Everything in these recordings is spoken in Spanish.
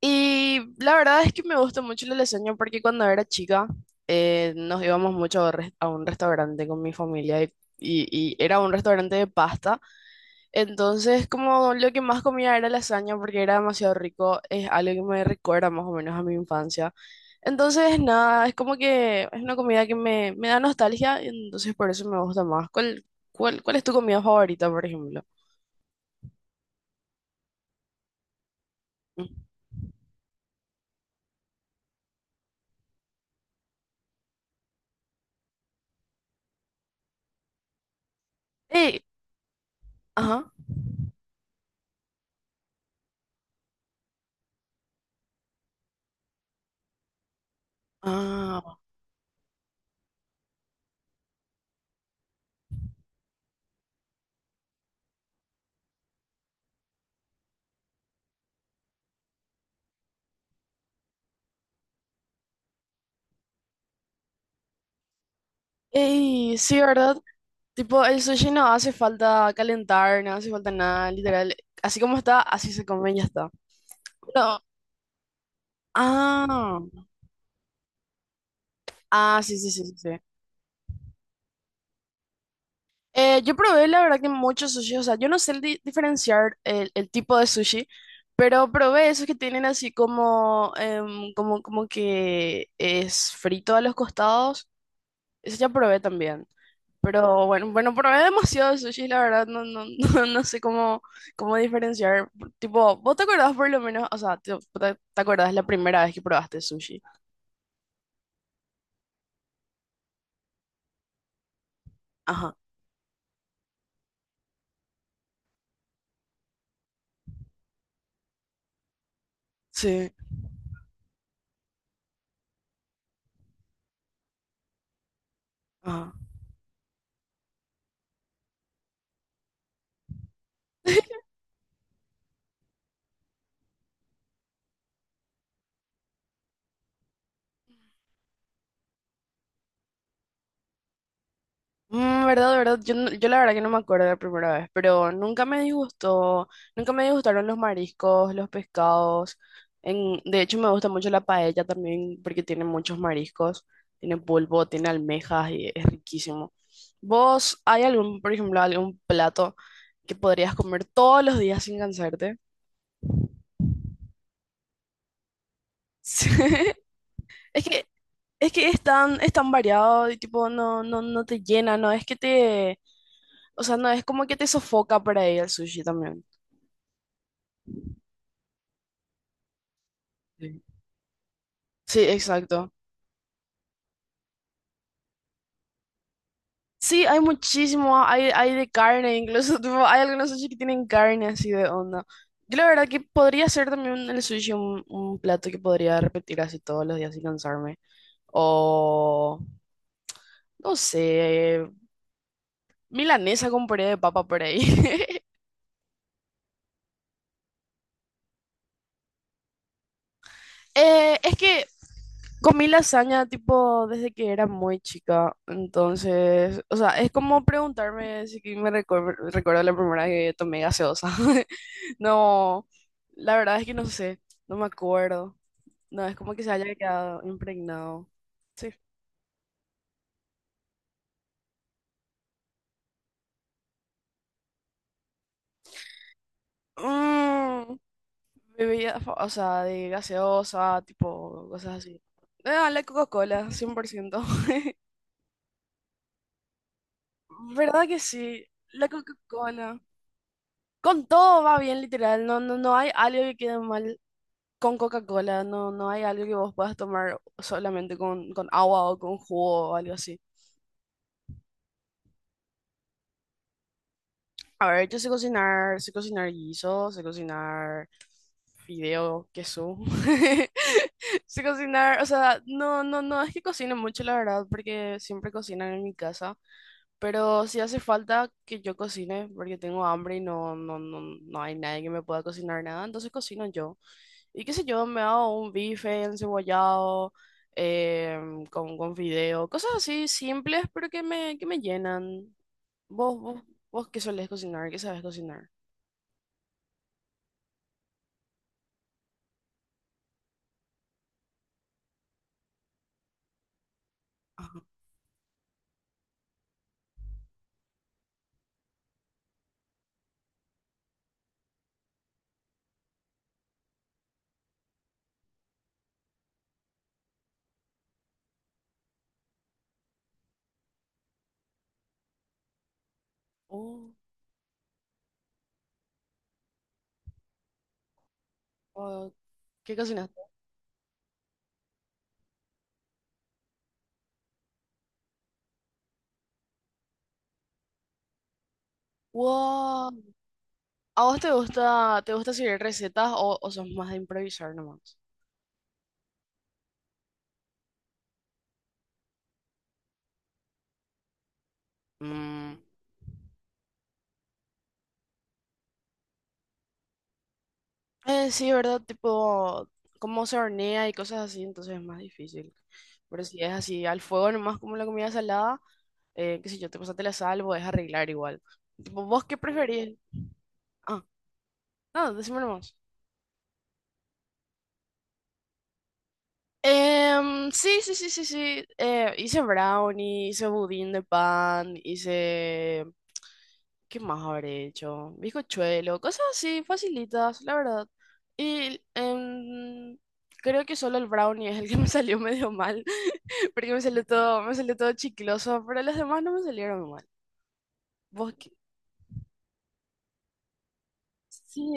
Y la verdad es que me gusta mucho la lasaña porque cuando era chica nos íbamos mucho a un restaurante con mi familia y era un restaurante de pasta. Entonces como lo que más comía era lasaña porque era demasiado rico, es algo que me recuerda más o menos a mi infancia. Entonces nada, es como que es una comida que me da nostalgia y entonces por eso me gusta más. ¿ cuál es tu comida favorita, por ejemplo? Mm. Ey, ajá. Ah, ey, sí, ¿verdad? Tipo, el sushi no hace falta calentar, no hace falta nada, literal. Así como está, así se come y ya está. Pero, ah, ah, sí, sí, sí, sí, sí. Yo probé, la verdad, que muchos sushi, o sea, yo no sé diferenciar el tipo de sushi, pero probé esos que tienen así como, como, como que es frito a los costados. Eso ya probé también. Pero bueno, probé demasiado sushi, la verdad, no sé cómo, cómo diferenciar. Tipo, ¿vos te acordás por lo menos? O sea, te acordás la primera vez que probaste sushi. Ajá, sí, ajá. Mm, verdad, verdad. Yo, yo la verdad que no me acuerdo de la primera vez, pero nunca me disgustó, nunca me disgustaron los mariscos, los pescados. De hecho, me gusta mucho la paella también porque tiene muchos mariscos, tiene pulpo, tiene almejas y es riquísimo. ¿Vos hay algún, por ejemplo, algún plato que podrías comer todos los días sin cansarte? Sí. Es que, es que es tan variado y tipo no, no, no te llena, no es que o sea, no es como que te sofoca por ahí el sushi también. Sí, sí, exacto. Sí, hay muchísimo, hay de carne, incluso tipo, hay algunos sushi que tienen carne así de onda. Yo la verdad que podría ser también el sushi un plato que podría repetir así todos los días sin cansarme. O, no sé, milanesa con puré de papa por ahí. Es que comí lasaña tipo desde que era muy chica, entonces, o sea, es como preguntarme si que me recuerdo la primera vez que tomé gaseosa. No, la verdad es que no sé, no me acuerdo. No, es como que se haya quedado impregnado. Sí. Mm, o sea, de gaseosa, tipo, cosas así. Ah, la Coca-Cola, 100%. ¿Verdad que sí? La Coca-Cola. Con todo va bien, literal. No hay algo que quede mal con Coca-Cola. No, no hay algo que vos puedas tomar solamente con agua o con jugo o algo así. A ver, yo sé cocinar guiso, sé cocinar fideo, queso. Sé cocinar, o sea, no es que cocine mucho, la verdad, porque siempre cocinan en mi casa. Pero si hace falta que yo cocine, porque tengo hambre y no hay nadie que me pueda cocinar nada, entonces cocino yo. Y qué sé yo, me hago un bife encebollado, con fideo, cosas así simples, pero que que me llenan. ¿Vos, vos ¿Vos qué solés cocinar? ¿Qué sabes cocinar? Ajá. Oh, ¿O ¿Qué cocinaste? Wow. ¿A vos te gusta seguir recetas o sos más de improvisar nomás? Mm. Sí, ¿verdad? Tipo, cómo se hornea y cosas así, entonces es más difícil. Pero si es así, al fuego nomás como la comida salada, qué sé yo, te pasaste la sal, podés arreglar igual. Tipo, ¿vos qué preferís? Ah, no, decime nomás. Em, sí, sí, sí, sí, sí. Hice brownie, hice budín de pan, hice... ¿Qué más habré hecho? Bizcochuelo, cosas así, facilitas, la verdad. Y creo que solo el brownie es el que me salió medio mal, porque me salió todo chicloso, pero las demás no me salieron mal. ¿Vos qué? Sí,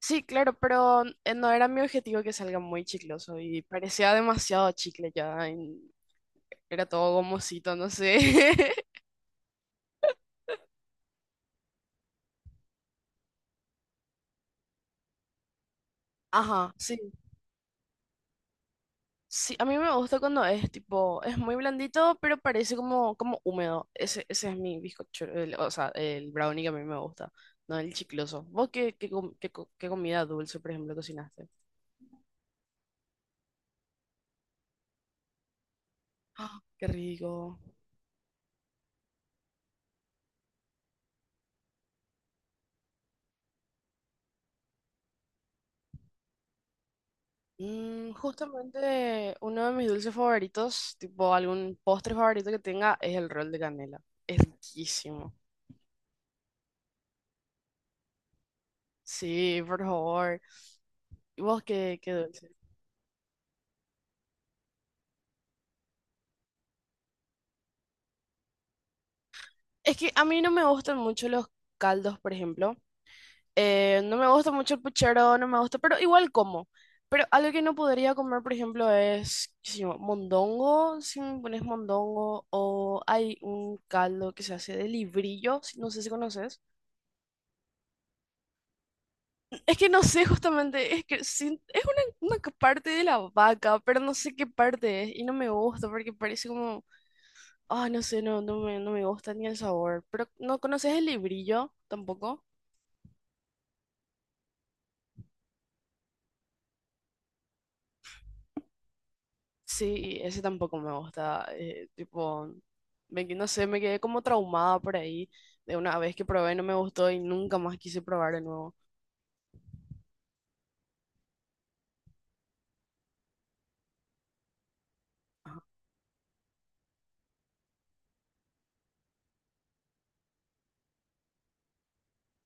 sí, claro, pero no era mi objetivo que salga muy chicloso y parecía demasiado chicle ya. Y Era todo gomosito, no sé. Ajá, sí. Sí, a mí me gusta cuando es tipo, es muy blandito, pero parece como, como húmedo. Ese es mi bizcocho, o sea, el brownie que a mí me gusta, no el chicloso. ¿Vos qué, qué, com- qué co- Qué comida dulce, por ejemplo, cocinaste? ¡Ah! ¡Qué rico! Mm, justamente uno de mis dulces favoritos, tipo algún postre favorito que tenga, es el rol de canela. Es riquísimo. Sí, por favor. ¿Y vos qué, qué dulce? Es que a mí no me gustan mucho los caldos, por ejemplo. No me gusta mucho el puchero, no me gusta, pero igual como. Pero algo que no podría comer, por ejemplo, es qué sé yo, mondongo, si me pones mondongo, o hay un caldo que se hace de librillo, no sé si conoces. Es que no sé justamente, es que sin- es una parte de la vaca, pero no sé qué parte es y no me gusta porque parece como, ah, no sé, no me gusta ni el sabor. Pero ¿no conoces el librillo tampoco? Sí, ese tampoco me gusta. Tipo, no sé, me quedé como traumada por ahí de una vez que probé, no me gustó y nunca más quise probar de nuevo.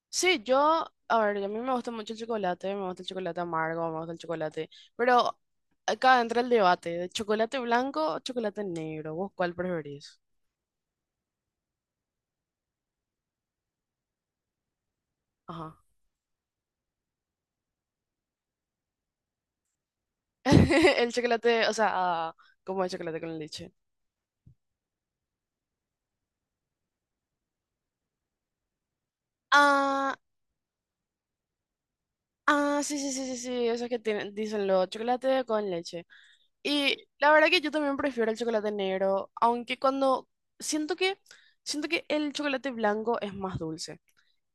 Sí, yo, a ver, a mí me gusta mucho el chocolate, me gusta el chocolate amargo, me gusta el chocolate, pero acá entra el debate de chocolate blanco o chocolate negro, ¿vos cuál preferís? Ajá. El chocolate, o sea, ah, como el chocolate con leche. Ah, ah, sí, sí, sí, sí, sí, eso es que tienen, dicen lo chocolate con leche. Y la verdad que yo también prefiero el chocolate negro, aunque cuando siento que siento que el chocolate blanco es más dulce.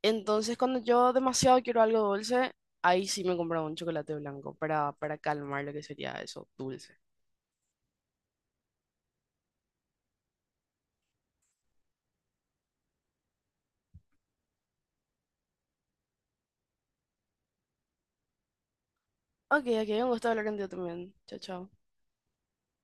Entonces, cuando yo demasiado quiero algo dulce, ahí sí me compro un chocolate blanco para calmar lo que sería eso, dulce. Ok, ok, un gusto hablar contigo también. Chao, chao.